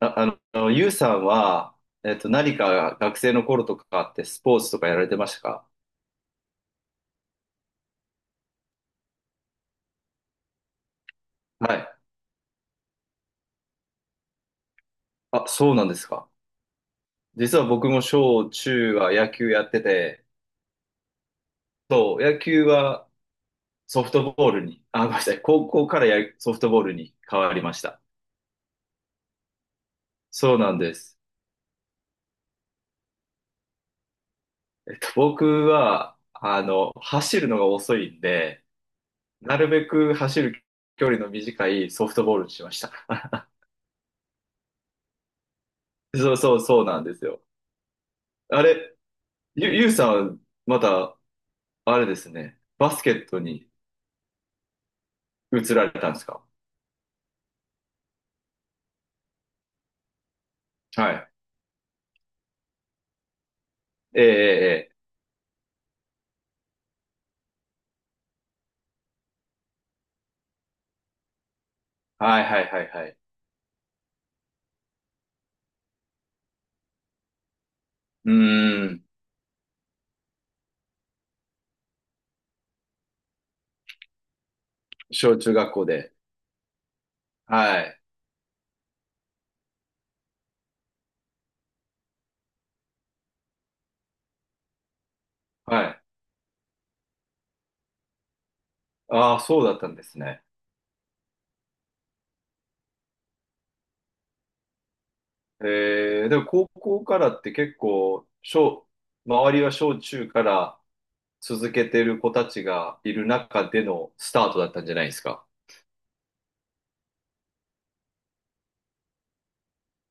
あ、ゆうさんは、何か学生の頃とかってスポーツとかやられてましたか？はい。あ、そうなんですか。実は僕も小中は野球やってて、そう、野球はソフトボールに、あ、ごめんなさい、高校からソフトボールに変わりました。そうなんです。僕は、走るのが遅いんで、なるべく走る距離の短いソフトボールにしました。そうそうそうなんですよ。あれ、ゆうさん、また、あれですね。バスケットに移られたんですか？はい。ええ、ええ、ええはい、はい、はい、はい。うーん。小中学校で。はい、はい。ああ、そうだったんですね。ええ、でも高校からって結構、周りは小中から続けてる子たちがいる中でのスタートだったんじゃないですか。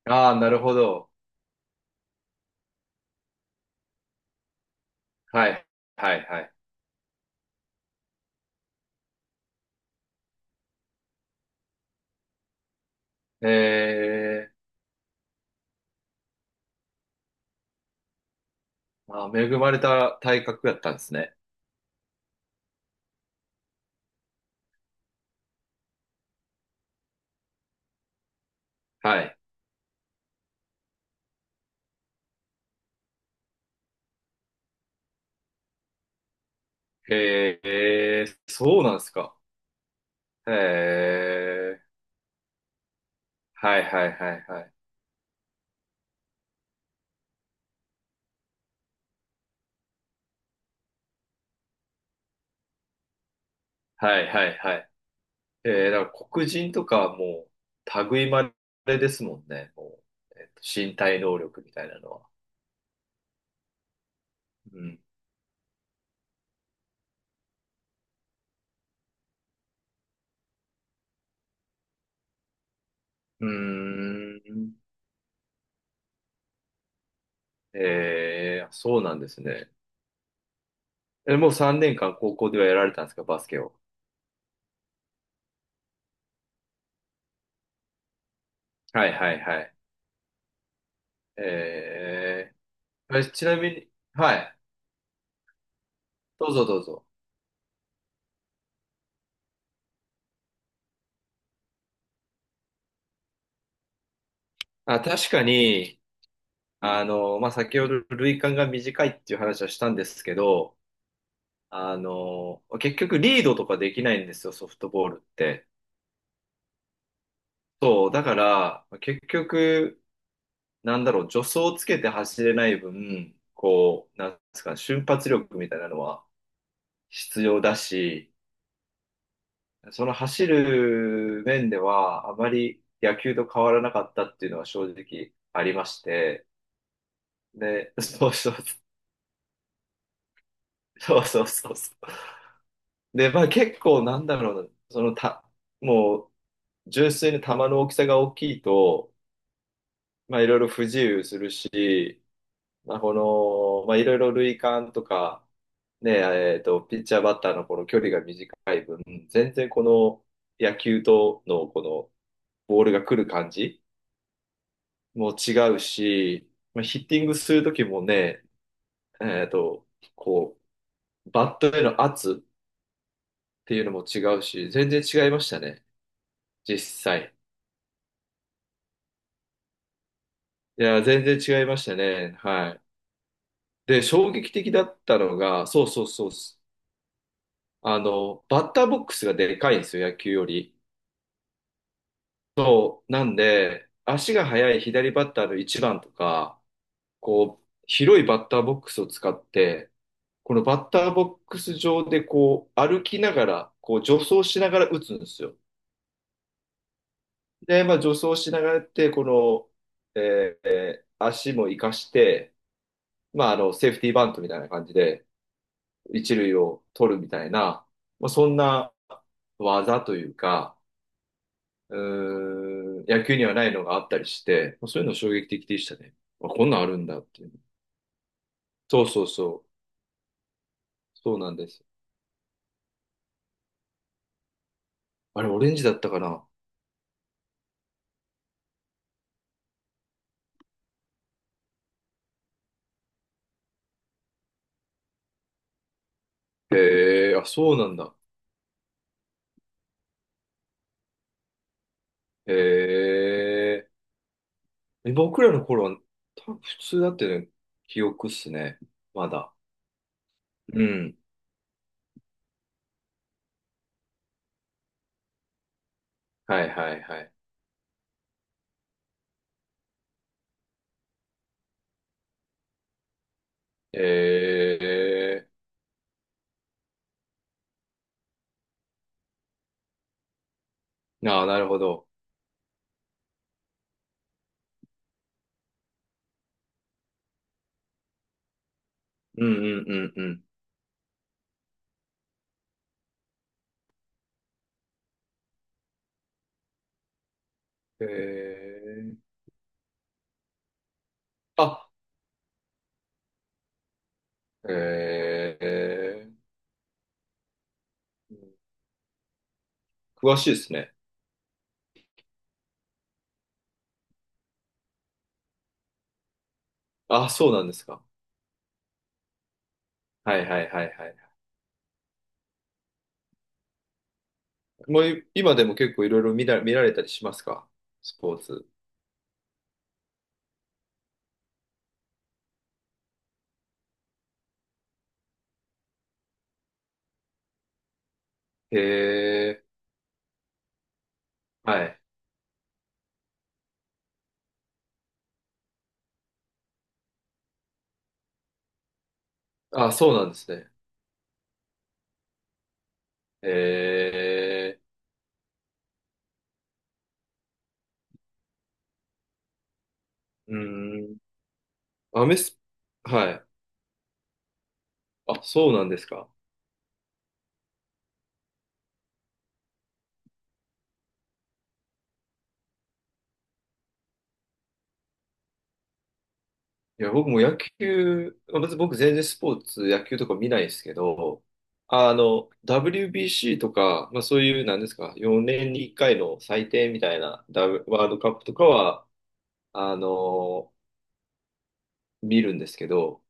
ああ、なるほど。はい、はい、はい。ええ、あー、恵まれた体格だったんですね。はい。へえ、そうなんですか。へえ、はいはいはいはい。はいはいはい。だから黒人とかはもう、類いまれですもんね。もう、身体能力みたいなのは。うん。うーん。えー、そうなんですね。え、もう3年間高校ではやられたんですか、バスケを。はいはいはい。えあれちなみに、はい。どうぞどうぞ。あ、確かに、まあ、先ほど類間が短いっていう話はしたんですけど、結局リードとかできないんですよ、ソフトボールって。そう、だから、結局、なんだろう、助走をつけて走れない分、こう、なんですかね、瞬発力みたいなのは必要だし、その走る面では、あまり野球と変わらなかったっていうのは正直ありまして、で、そうそう、そうそうそうそう。で、まあ結構なんだろうな、そのた、もう純粋に球の大きさが大きいと、まあいろいろ不自由するし、まあまあいろいろ塁間とか、ね、ピッチャーバッターのこの距離が短い分、全然この野球とのこのボールが来る感じも違うし、まあ、ヒッティングするときもね、えっと、こう、バットへの圧っていうのも違うし、全然違いましたね、実際。いや、全然違いましたね。はい。で、衝撃的だったのが、そうそうそう。バッターボックスがでかいんですよ、野球より。なんで、足が速い左バッターの一番とか、こう、広いバッターボックスを使って、このバッターボックス上でこう、歩きながら、こう、助走しながら打つんですよ。で、まあ、助走しながらやって、この、えー足も活かして、まあ、セーフティーバントみたいな感じで、一塁を取るみたいな、まあ、そんな技というか、うーん、野球にはないのがあったりして、まあそういうの衝撃的でしたね。あ、こんなんあるんだっていう。そうそうそう。そうなんです。あれ、オレンジだったかな？へえ、あ、そうなんだ。へえ。僕らの頃は、多分普通だったよね。記憶っすね。まだ。うん。はいはいはい。ええ。ああ、なるほど。うんうんうんうん。ええ。あ、ええ詳しいですね。あ、そうなんですか。はいはいはいはい。もう今でも結構いろいろ見られたりしますか？スポーツ。へえ、はい。あ、そうなんですね。へえ、うーん。アメス、はい。あ、そうなんですか。いや、僕も野球、まあ別に僕全然スポーツ、野球とか見ないですけど、WBC とか、まあそういう、なんですか、4年に1回の祭典みたいな、ワールドカップとかは、あの、見るんですけど、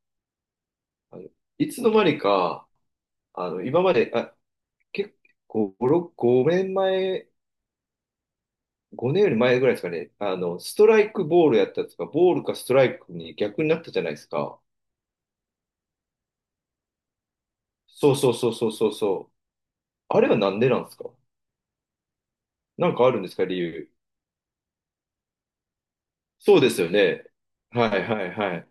あのいつの間にか、今まで、あ、結構、5、6、5年前、5年より前ぐらいですかね、ストライクボールやったとか、ボールかストライクに逆になったじゃないですか。そうそうそうそうそうそう。あれはなんでなんですか？なんかあるんですか、理由？そうですよね。はいはいはい。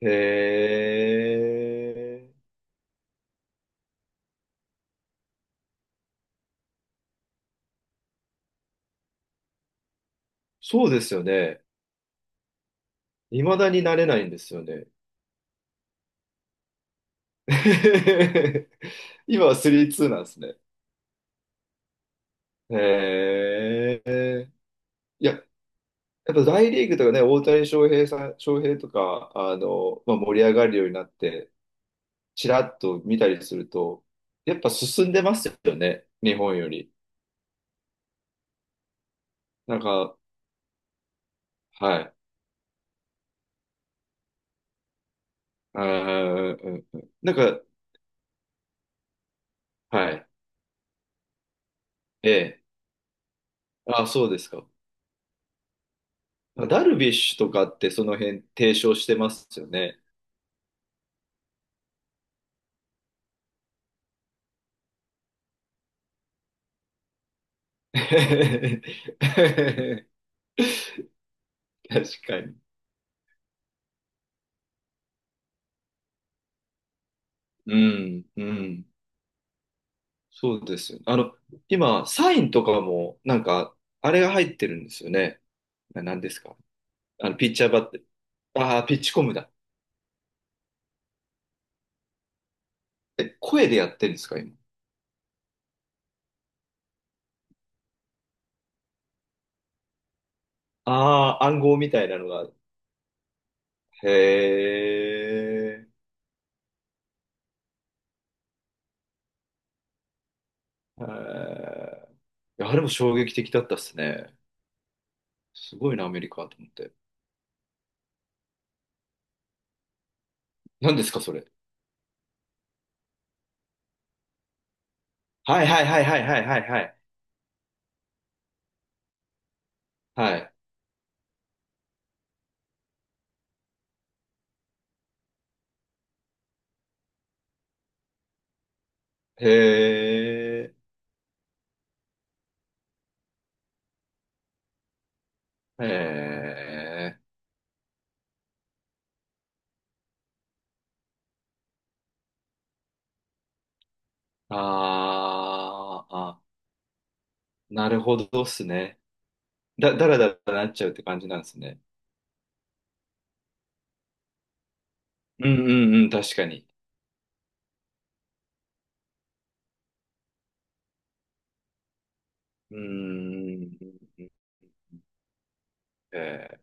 へえ。そうですよね。未だになれないんですよね。今は3-2なんですね。へえ。いや、やっぱ大リーグとかね、大谷翔平さん、翔平とか、まあ、盛り上がるようになって、ちらっと見たりすると、やっぱ進んでますよね。日本より。なんか、はい。うんうんうんうんなんか、はい。ええ。あ、そうですか。ダルビッシュとかってその辺提唱してますよね。確かに。うん、うん。そうですよね。今、サインとかも、なんか、あれが入ってるんですよね。なんですか？ピッチャーバッテ、ああー、ピッチコムだ。え、声でやってるんですか、今。ああ、暗号みたいなのが。へえ。へーいやあれも衝撃的だったっすね。すごいな、アメリカと思って。何ですか、それ？はいはいはいはいはいはいはい。はい。へえへえあー、あ、なるほどっすね。だらだらなっちゃうって感じなんですね。うんうんうん、確かに。うーん。へえ。